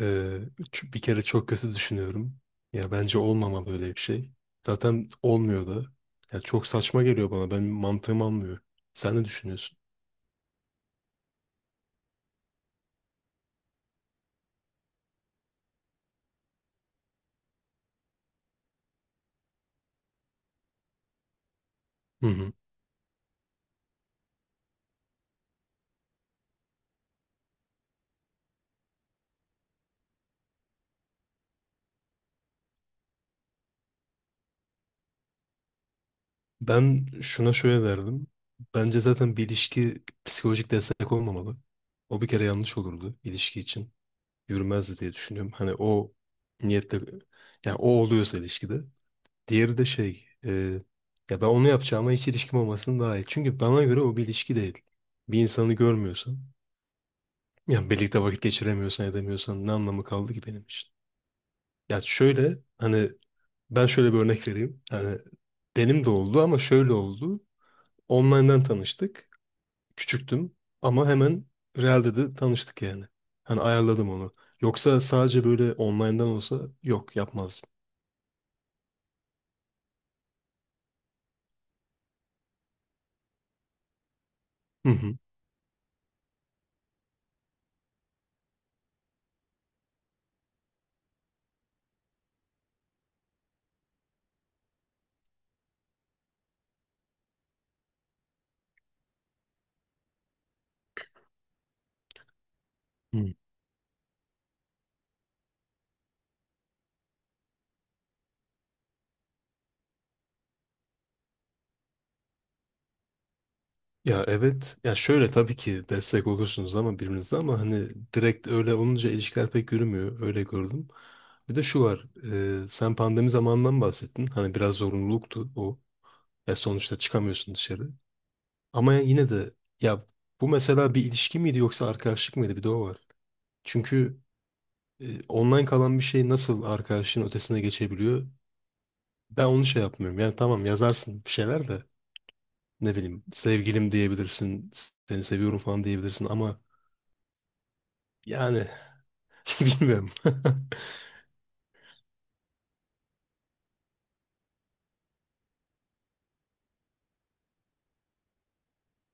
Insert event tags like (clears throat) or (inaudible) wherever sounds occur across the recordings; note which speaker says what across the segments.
Speaker 1: Ee, Bir kere çok kötü düşünüyorum. Ya bence olmamalı öyle bir şey. Zaten olmuyor da. Ya çok saçma geliyor bana. Ben mantığım almıyor. Sen ne düşünüyorsun? Hı hı. Ben şuna şöyle derdim. Bence zaten bir ilişki psikolojik destek olmamalı. O bir kere yanlış olurdu ilişki için. Yürümezdi diye düşünüyorum. Hani o niyetle yani o oluyorsa ilişkide. Diğeri de ya ben onu yapacağıma hiç ilişkim olmasın daha iyi. Çünkü bana göre o bir ilişki değil. Bir insanı görmüyorsan yani birlikte vakit geçiremiyorsan edemiyorsan ne anlamı kaldı ki benim için? Ya şöyle hani ben şöyle bir örnek vereyim. Hani benim de oldu ama şöyle oldu. Online'dan tanıştık. Küçüktüm ama hemen realde de tanıştık yani. Hani ayarladım onu. Yoksa sadece böyle online'dan olsa yok yapmazdım. Hı hı. Hı. Ya evet. Ya şöyle tabii ki destek olursunuz ama birbirinize ama hani direkt öyle olunca ilişkiler pek yürümüyor. Öyle gördüm. Bir de şu var. Sen pandemi zamanından bahsettin. Hani biraz zorunluluktu o. Ya sonuçta çıkamıyorsun dışarı. Ama yine de ya bu mesela bir ilişki miydi yoksa arkadaşlık mıydı? Bir de o var. Çünkü online kalan bir şey nasıl arkadaşlığın ötesine geçebiliyor? Ben onu şey yapmıyorum. Yani tamam yazarsın bir şeyler de ne bileyim sevgilim diyebilirsin, seni seviyorum falan diyebilirsin ama yani (laughs) bilmiyorum. (laughs)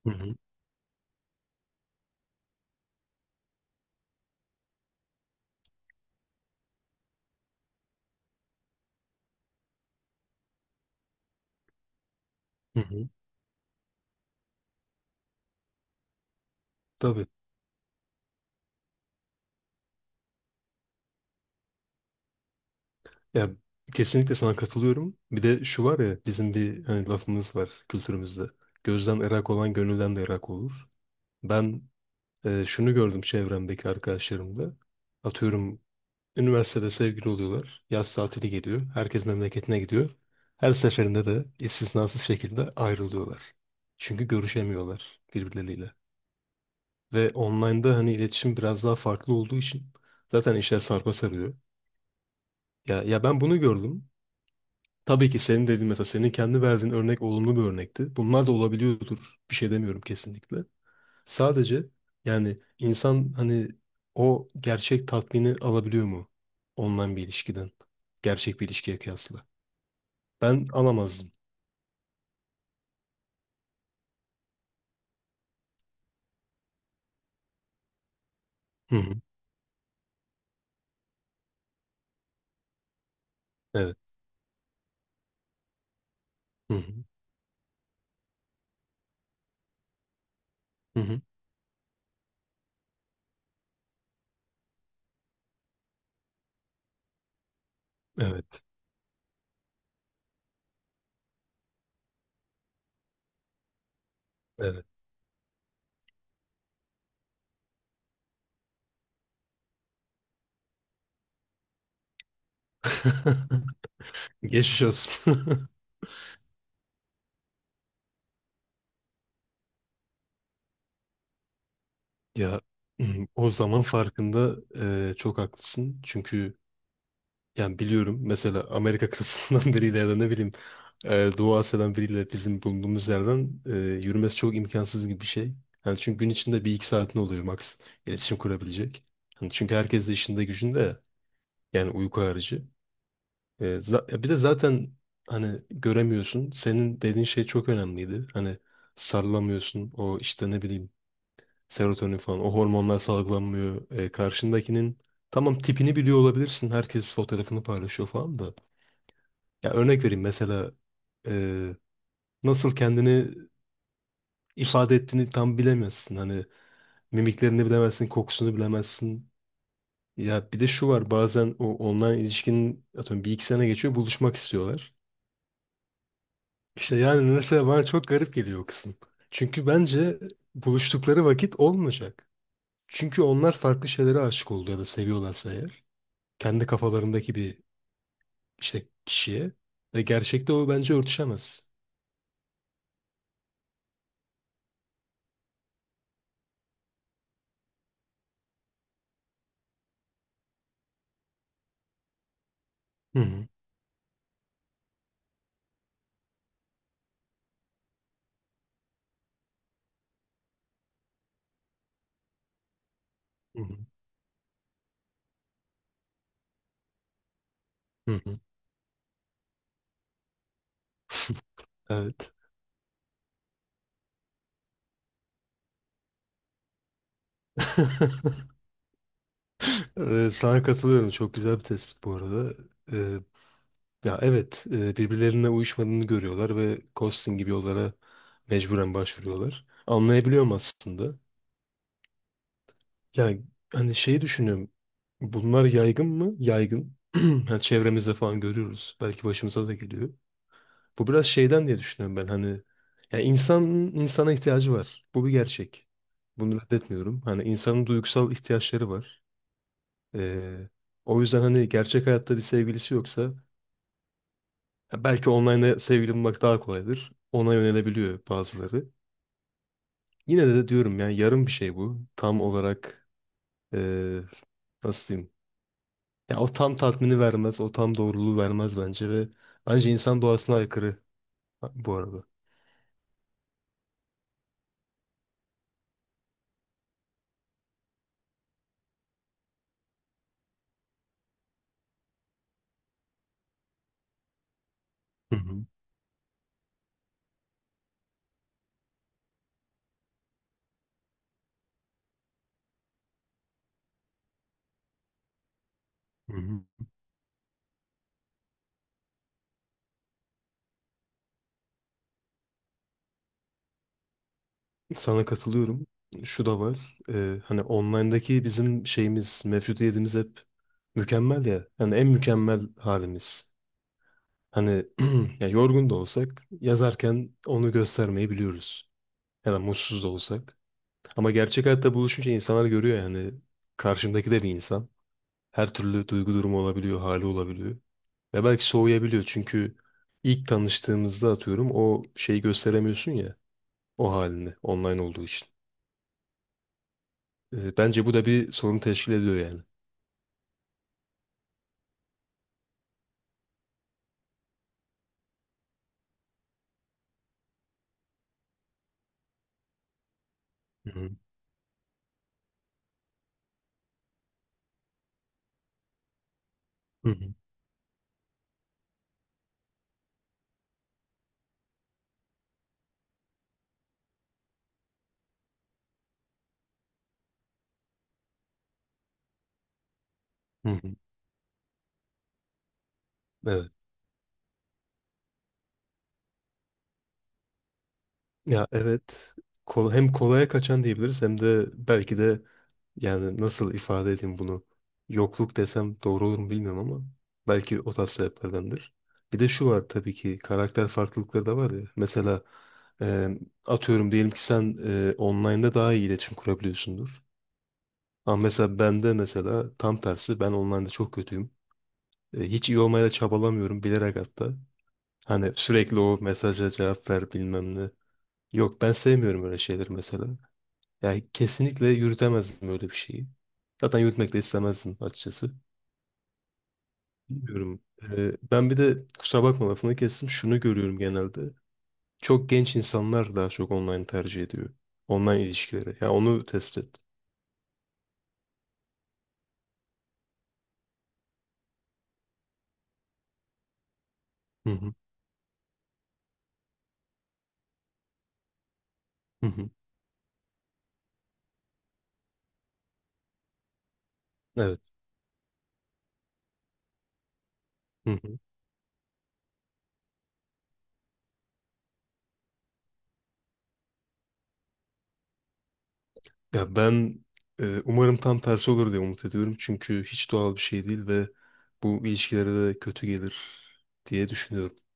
Speaker 1: Hı hı, hı hı. Tabii. Ya kesinlikle sana katılıyorum. Bir de şu var ya bizim bir hani lafımız var kültürümüzde. Gözden ırak olan gönülden de ırak olur. Ben şunu gördüm çevremdeki arkadaşlarımda. Atıyorum üniversitede sevgili oluyorlar. Yaz tatili geliyor. Herkes memleketine gidiyor. Her seferinde de istisnasız şekilde ayrılıyorlar. Çünkü görüşemiyorlar birbirleriyle. Ve online'da hani iletişim biraz daha farklı olduğu için zaten işler sarpa sarıyor. Ya ben bunu gördüm. Tabii ki senin dediğin mesela senin kendi verdiğin örnek olumlu bir örnekti. Bunlar da olabiliyordur. Bir şey demiyorum kesinlikle. Sadece yani insan hani o gerçek tatmini alabiliyor mu online bir ilişkiden? Gerçek bir ilişkiye kıyasla. Ben alamazdım. Hı hı. Evet. Hı hı. Hı hı. Evet. Evet. (laughs) Geçmiş olsun. (laughs) Ya (clears throat) o zaman farkında çok haklısın. Çünkü yani biliyorum mesela Amerika kıtasından (laughs) biriyle ya da ne bileyim Doğu Asya'dan biriyle bizim bulunduğumuz yerden yürümesi çok imkansız gibi bir şey. Yani çünkü gün içinde bir iki saatin oluyor max iletişim kurabilecek. Hani çünkü herkes de işinde gücünde ya. Yani uyku harici. Ya bir de zaten hani göremiyorsun. Senin dediğin şey çok önemliydi. Hani sarılamıyorsun o işte ne bileyim serotonin falan o hormonlar salgılanmıyor. E, karşındakinin tamam tipini biliyor olabilirsin. Herkes fotoğrafını paylaşıyor falan da. Ya örnek vereyim mesela e, nasıl kendini ifade ettiğini tam bilemezsin. Hani mimiklerini bilemezsin, kokusunu bilemezsin. Ya bir de şu var bazen o online ilişkinin atıyorum bir iki sene geçiyor buluşmak istiyorlar. İşte yani mesela bana çok garip geliyor o kısım. Çünkü bence buluştukları vakit olmayacak. Çünkü onlar farklı şeylere aşık oldu ya da seviyorlarsa eğer kendi kafalarındaki bir işte kişiye ve gerçekte o bence örtüşemez. Hı hı. Hı hı. Hı hı. Evet. (laughs) Sana katılıyorum. Çok güzel bir tespit bu arada. Ee, Ya evet, birbirlerine uyuşmadığını görüyorlar ve ghosting gibi yollara mecburen başvuruyorlar. Anlayabiliyorum aslında. Yani hani şeyi düşünüyorum. Bunlar yaygın mı? Yaygın. (clears throat) Yani çevremizde falan görüyoruz. Belki başımıza da geliyor. Bu biraz şeyden diye düşünüyorum ben hani ya insan insana ihtiyacı var. Bu bir gerçek. Bunu reddetmiyorum. Hani insanın duygusal ihtiyaçları var. Ee, O yüzden hani gerçek hayatta bir sevgilisi yoksa ya belki online'da sevgili bulmak daha kolaydır. Ona yönelebiliyor bazıları. Yine de diyorum yani yarım bir şey bu. Tam olarak ee, nasıl diyeyim? Ya o tam tatmini vermez, o tam doğruluğu vermez bence ve bence insan doğasına aykırı bu arada. Hı hı. Hı hı. Sana katılıyorum. Şu da var. Hani online'daki bizim şeyimiz, mevcudiyetimiz hep mükemmel ya. Yani en mükemmel halimiz. Hani (clears throat) ya yorgun da olsak yazarken onu göstermeyi biliyoruz. Ya da mutsuz da olsak. Ama gerçek hayatta buluşunca insanlar görüyor yani. Karşımdaki de bir insan. Her türlü duygu durumu olabiliyor, hali olabiliyor. Ve belki soğuyabiliyor çünkü ilk tanıştığımızda atıyorum o şeyi gösteremiyorsun ya. O halini online olduğu için. E, bence bu da bir sorun teşkil ediyor yani. Hı hı, hı hı, hı hı. Evet. Ya evet. Hem kolaya kaçan diyebiliriz hem de belki de yani nasıl ifade edeyim bunu? Yokluk desem doğru olur mu bilmiyorum ama belki o tarz sebeplerdendir. Bir de şu var tabii ki karakter farklılıkları da var ya. Mesela e, atıyorum diyelim ki sen online'da daha iyi iletişim kurabiliyorsundur. Ama mesela bende mesela tam tersi ben online'da çok kötüyüm. E, hiç iyi olmaya da çabalamıyorum bilerek hatta. Hani sürekli o mesaja cevap ver bilmem ne. Yok ben sevmiyorum öyle şeyleri mesela. Yani kesinlikle yürütemezdim öyle bir şeyi. Zaten yürütmek de istemezdim açıkçası. Bilmiyorum. Ben bir de kusura bakma lafını kestim. Şunu görüyorum genelde. Çok genç insanlar daha çok online tercih ediyor. Online ilişkileri. Yani onu tespit ettim. Hı hı. Hı hı. Evet. Hı hı. Ya ben umarım tam tersi olur diye umut ediyorum. Çünkü hiç doğal bir şey değil ve bu ilişkilere de kötü gelir diye düşünüyorum.